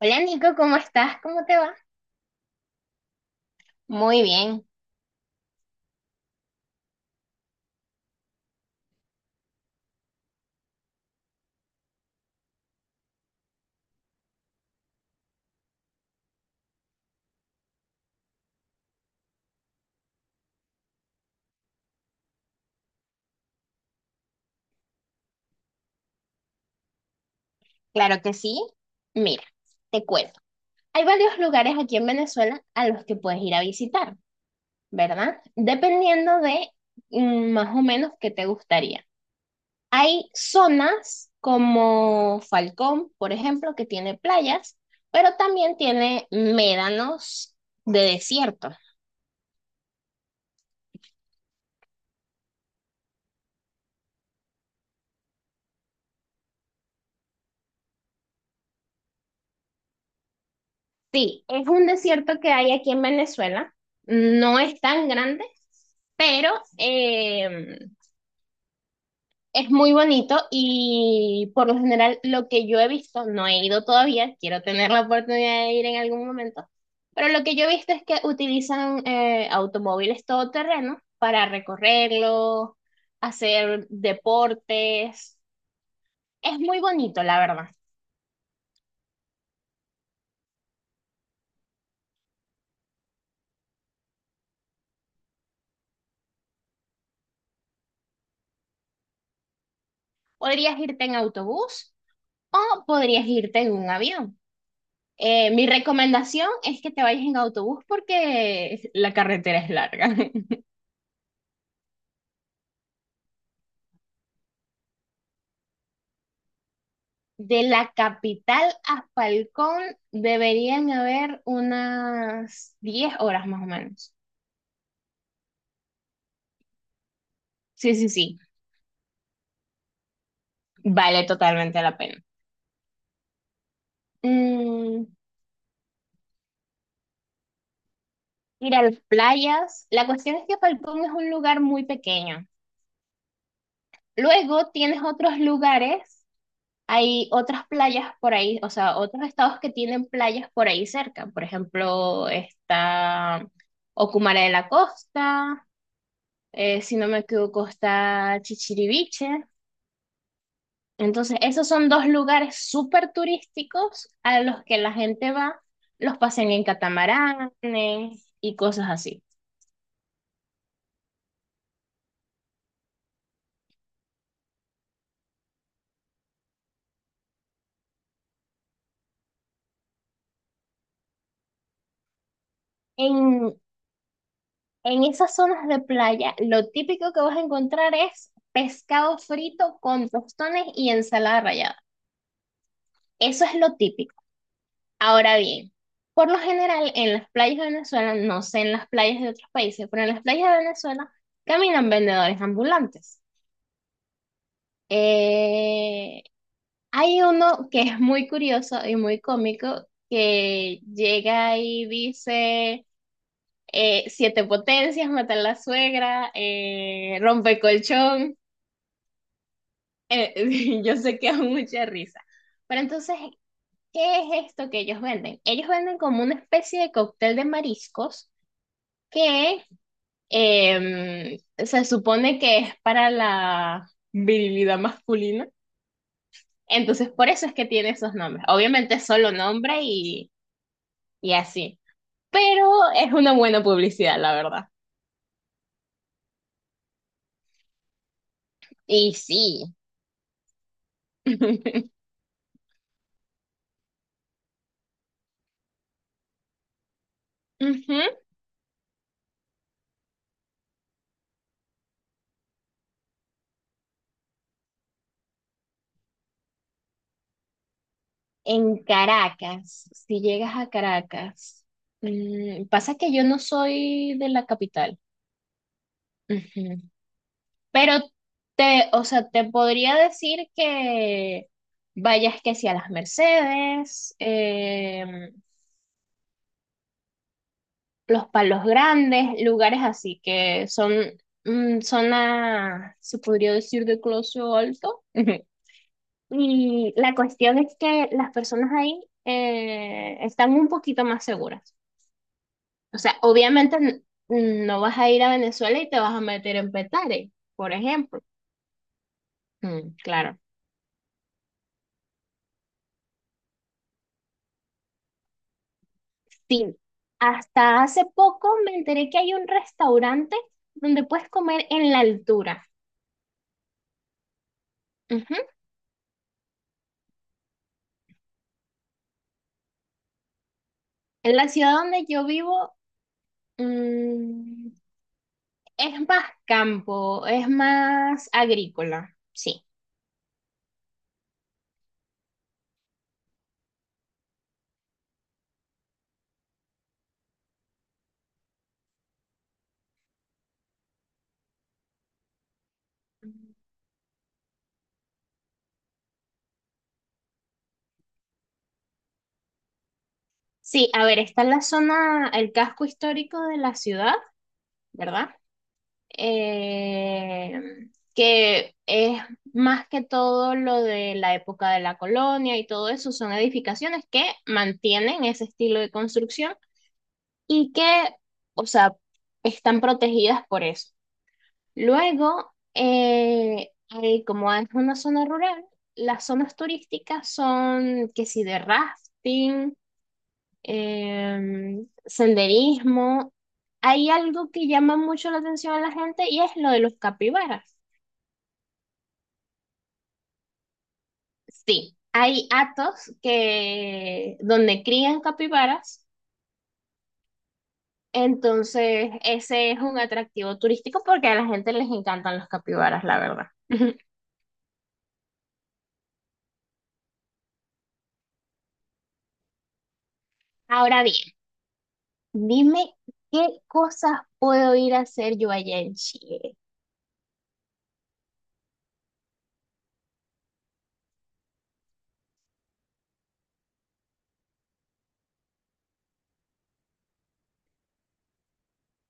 Hola Nico, ¿cómo estás? ¿Cómo te va? Muy bien, claro que sí. Mira, te cuento. Hay varios lugares aquí en Venezuela a los que puedes ir a visitar, ¿verdad? Dependiendo de más o menos qué te gustaría. Hay zonas como Falcón, por ejemplo, que tiene playas, pero también tiene médanos de desierto. Sí, es un desierto que hay aquí en Venezuela. No es tan grande, pero em, es muy bonito y por lo general lo que yo he visto, no he ido todavía, quiero tener la oportunidad de ir en algún momento, pero lo que yo he visto es que utilizan automóviles todoterreno para recorrerlo, hacer deportes. Es muy bonito, la verdad. Podrías irte en autobús o podrías irte en un avión. Mi recomendación es que te vayas en autobús porque la carretera es larga. De la capital a Falcón deberían haber unas 10 horas más o menos. Sí, sí, sí, vale totalmente la pena. Mm, Ir a las playas. La cuestión es que Falcón es un lugar muy pequeño. Luego tienes otros lugares, hay otras playas por ahí, o sea, otros estados que tienen playas por ahí cerca. Por ejemplo, está Ocumare de la Costa, si no me equivoco, está Chichiriviche. Entonces, esos son dos lugares súper turísticos a los que la gente va, los pasean en catamaranes y cosas así. En, en esas zonas de playa, lo típico que vas a encontrar es pescado frito con tostones y ensalada rallada. Eso es lo típico. Ahora bien, por lo general, en las playas de Venezuela, no sé en las playas de otros países, pero en las playas de Venezuela caminan vendedores ambulantes. Eh, Hay uno que es muy curioso y muy cómico que llega y dice siete potencias, matar a la suegra, rompe colchón. Yo sé que es mucha risa. Pero entonces, ¿qué es esto que ellos venden? Ellos venden como una especie de cóctel de mariscos que em, se supone que es para la virilidad masculina. Entonces, por eso es que tiene esos nombres. Obviamente, es solo nombre y así, pero es una buena publicidad, la verdad. Y sí. Ujú. En Caracas, si llegas a Caracas, pasa que yo no soy de la capital. Ujú. Pero te, o sea, te podría decir que vayas que si a las Mercedes, los Palos Grandes, lugares así que son zona, se podría decir, de closo alto. Y la cuestión es que las personas ahí están un poquito más seguras. O sea, obviamente no vas a ir a Venezuela y te vas a meter en Petare, por ejemplo. Mm, claro. Sí. Hasta hace poco me enteré que hay un restaurante donde puedes comer en la altura. Ujú. En la ciudad donde yo vivo, mm, es más campo, es más agrícola, sí. Sí, a ver, está la zona, el casco histórico de la ciudad, ¿verdad? Eh, que es más que todo lo de la época de la colonia y todo eso, son edificaciones que mantienen ese estilo de construcción y que, o sea, están protegidas por eso. Luego, como es una zona rural, las zonas turísticas son que si de rafting, senderismo. Hay algo que llama mucho la atención a la gente y es lo de los capibaras. Sí, hay atos que donde crían capibaras, entonces ese es un atractivo turístico porque a la gente les encantan los capibaras, la verdad. Ahora bien, dime qué cosas puedo ir a hacer yo allá en Chile.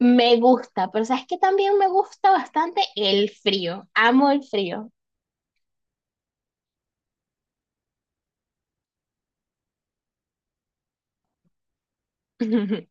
Me gusta, pero sabes que también me gusta bastante el frío. Amo el frío.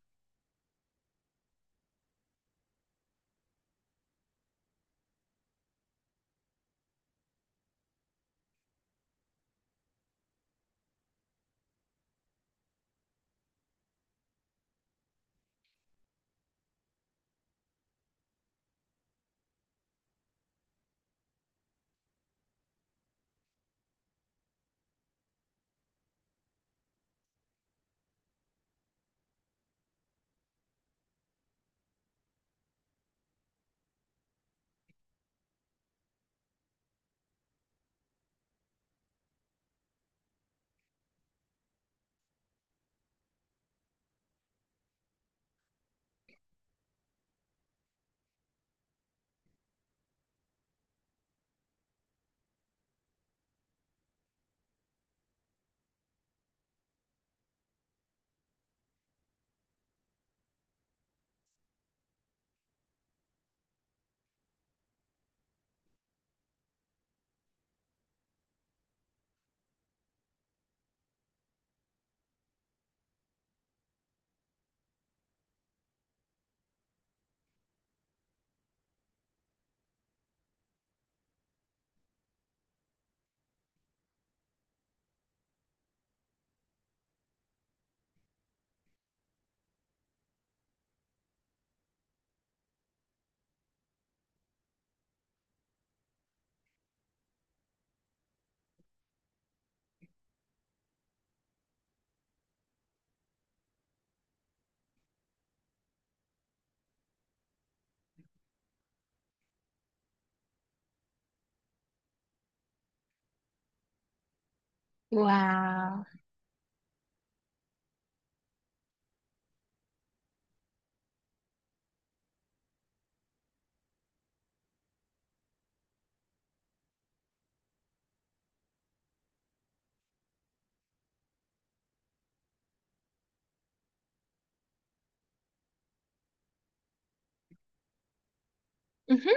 Wow. Ujú.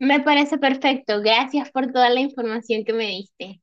Me parece perfecto. Gracias por toda la información que me diste.